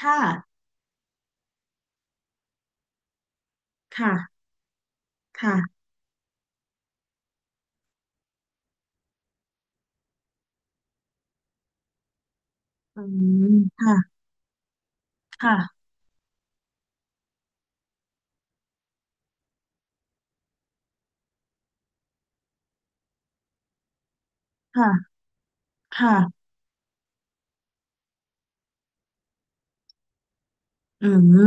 ค่ะค่ะค่ะ อืมค่ะค่ะค่ะค่ะ อืม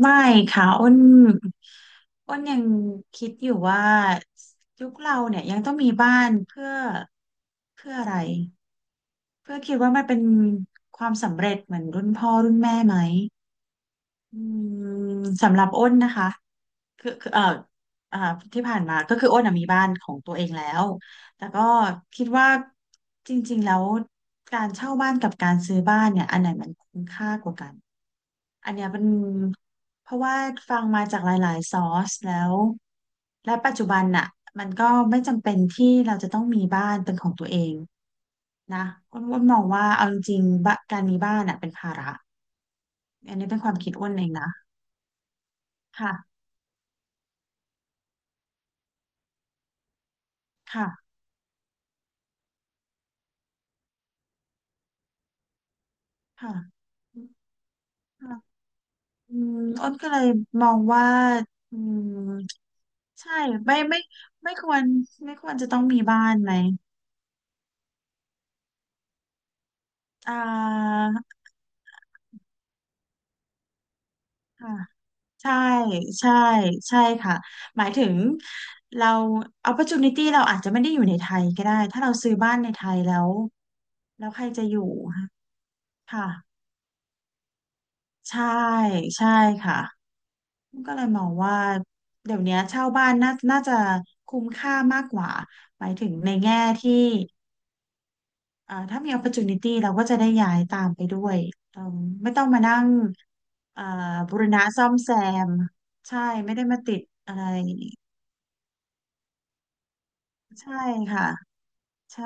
ไม่ค่ะอ้นยังคิดอยู่ว่ายุคเราเนี่ยยังต้องมีบ้านเพื่ออะไรเพื่อคิดว่ามันเป็นความสำเร็จเหมือนรุ่นพ่อรุ่นแม่ไหมอืมสำหรับอ้นนะคะ คืออ่าที่ผ่านมาก็คืออ้นอะมีบ้านของตัวเองแล้วแต่ก็คิดว่าจริงๆแล้วการเช่าบ้านกับการซื้อบ้านเนี่ยอันไหนมันคุ้มค่ากว่ากันอันเนี้ยเป็นเพราะว่าฟังมาจากหลายๆซอสแล้วและปัจจุบันน่ะมันก็ไม่จำเป็นที่เราจะต้องมีบ้านเป็นของตัวเองนะอ้นมองว่าเอาจริงๆบะการมีบ้านน่ะเป็นภาระอันนี้เป็นความคิดอ้นเองนะค่ะค่ะค่ะ อืมอ้นก็เลยมองว่าอืมใช่ไม่ไม่ควรจะต้องมีบ้านไหมอ่าค่ะใช่ใช่ใช่ค่ะ หมายถึงเรา opportunity เราอาจจะไม่ได้อยู่ในไทยก็ได้ ถ้าเราซื้อบ้านในไทยแล้วแล้วใครจะอยู่ค่ะใช่ใช่ค่ะก็เลยมองว่าเดี๋ยวเนี้ยเช่าบ้านน่าจะคุ้มค่ามากกว่า หมายถึงในแง่ที่ ถ้ามี opportunity เราก็จะได้ย้ายตามไปด้วยเอ่มไม่ต้องมานั่งอ่าบูรณะซ่อมแซมใช่ไม่ได้มาติดอะไรใช่ค่ะใช่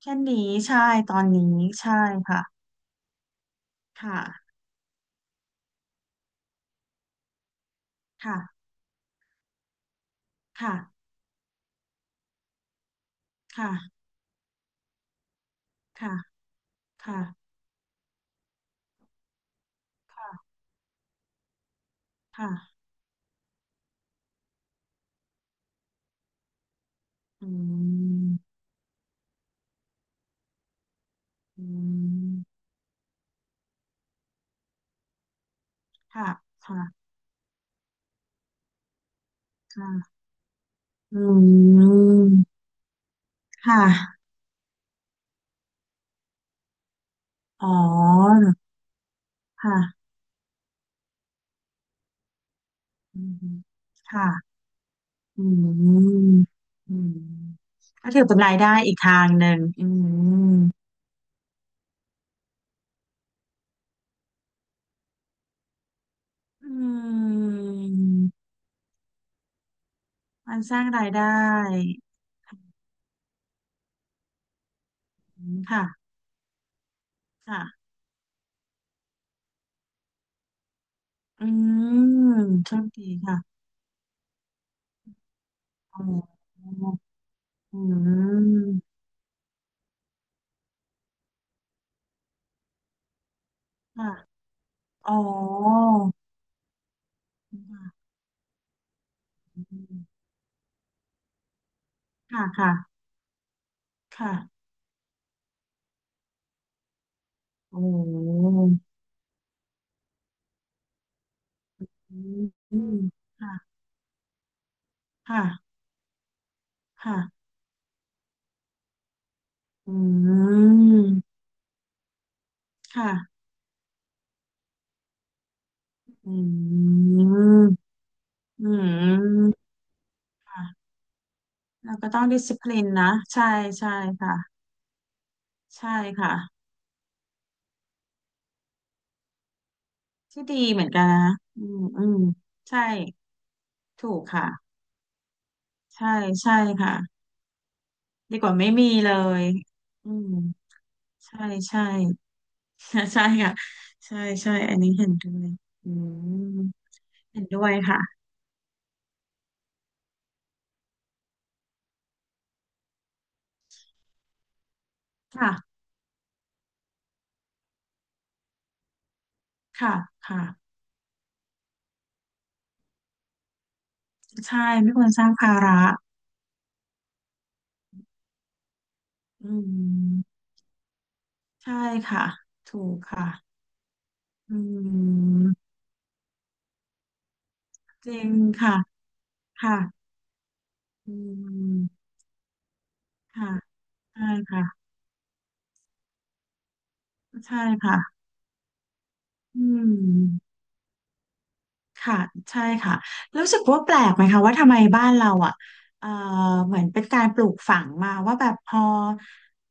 แค่นี้ใช่ตอนนี้ใช่ค่ะค่ะค่ะค่ะค่ะค่ะค่ะค่ะค่ะอืมอืมค่ะค่ะค่ะอืมค่ะอ๋อค่ะอืมค่ะ อืมอืม ก็ถือเป็นรายได้อีกทางหนึ่งอืมอืมมันสร้างรายได้อืมค่ะค่ะ อืมโชคดีค่ะ อ๋ออืมค่ะอ๋อค่ะค่ะค่ะโอ้อืมค่ะค่ะ ค่ะ อืม ค่ะ อืม อืม ค่ะเราก็ต้องดิสซิปลินนะใช่ใช่ค่ะใช่ค่ะที่ดีเหมือนกันนะอืมอืมใช่ถูกค่ะใช่ใช่ค่ะดีกว่าไม่มีเลยอืมใช่ใช่ ใช่ค่ะใช่ใช่อันนี้เห็นด้วยอืมเห็นด้วยค่ะค่ะค่ะค่ะใช่ไม่ควรสร้างภาระอืมใช่ค่ะถูกค่ะอืมจริงค่ะค่ะอืมค่ะ ใช่ค่ะ ใช่ค่ะอืมค่ะใช่ค่ะรู้สึกว่าแปลกไหมคะว่าทำไมบ้านเราอ่ะเอ่อเหมือนเป็นการปลูกฝังมาว่าแบบพอ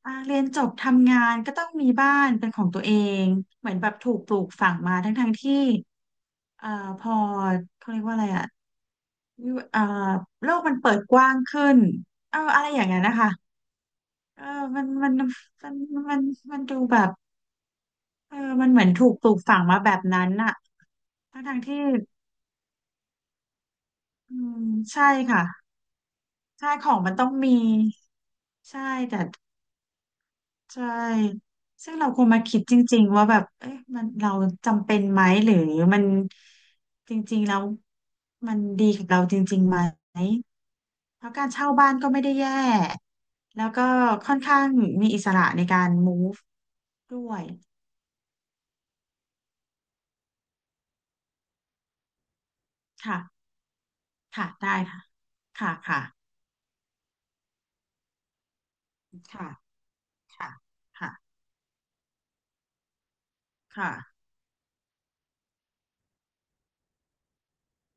เรียนจบทำงานก็ต้องมีบ้านเป็นของตัวเองเหมือนแบบถูกปลูกฝังมาทั้งที่เอ่อพอเขาเรียกว่าอะไรอ่ะวิวโลกมันเปิดกว้างขึ้นเอออะไรอย่างเงี้ยนะคะเออมันมันมันมันมันดูแบบเออมันเหมือนถูกปลูกฝังมาแบบนั้นน่ะ ทั้งทางที่อืมใช่ค่ะใช่ของมันต้องมีใช่แต่ใช่ซึ่งเราควรมาคิดจริงๆว่าแบบเอ๊ะมันเราจำเป็นไหมหรือมันจริงๆแล้วมันดีกับเราจริงๆไหมเพราะการเช่าบ้านก็ไม่ได้แย่แล้วก็ค่อนข้างมีอิสระในการ move ด้วยค่ะค่ะได้ค่ะค่ะค่ะค่ะค่ะค่ะค่ะ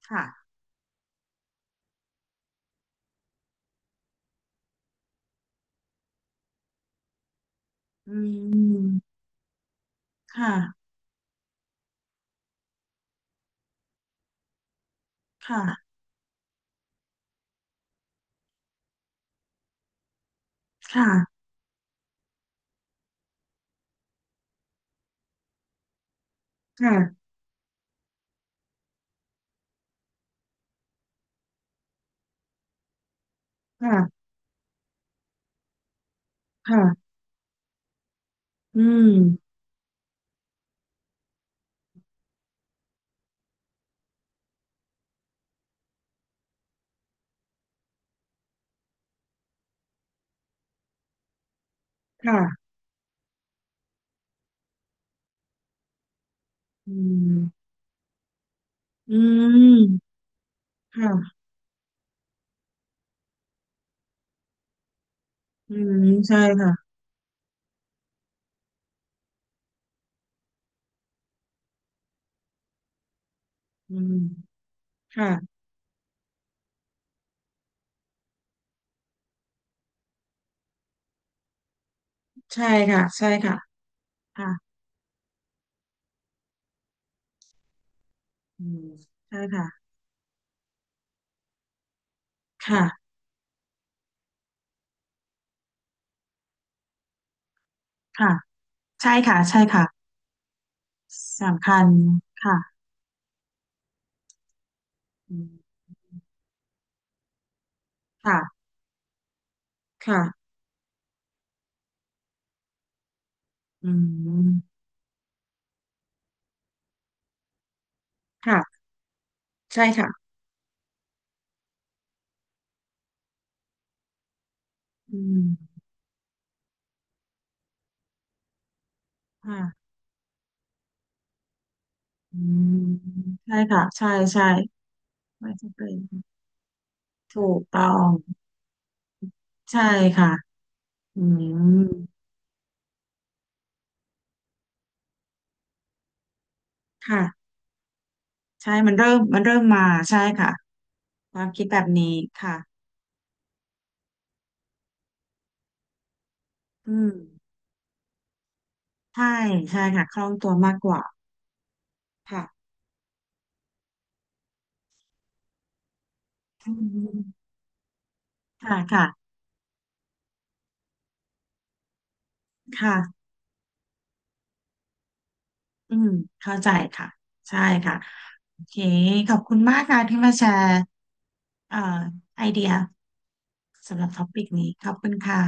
ค่ะอืมค่ะค่ะ ค่ะค่ะค่ะค่ะอืมค่ะอืมอืมค่ะอืมใช่ค่ะอืมค่ะใช่ค่ะใช่ค่ะค่ะอืมใช่ค่ะค่ะค่ะใช่ค่ะใช่ค่ะสำคัญค่ะอืมค่ะค่ะอืมค่ะใช่ค่ะอืมค่ะอืมใช่ค่ะใช่ใช่ไม่จำเป็นถูกต้องใช่ค่ะอืมค่ะ ใช่มันเริ่มมา ใช่ค่ะความคิดแบบนี้ค่ะอืมใช่ใช่ค่ะคล่องตัวมากกว่าค่ะอืมค่ะ ค่ะค่ะอืมเข้าใจค่ะ ใช่ค่ะโอเคขอบคุณมากค่ะที่มาแชร์เอ่อไอเดียสำหรับท็อปิกนี้ ขอบคุณค่ะ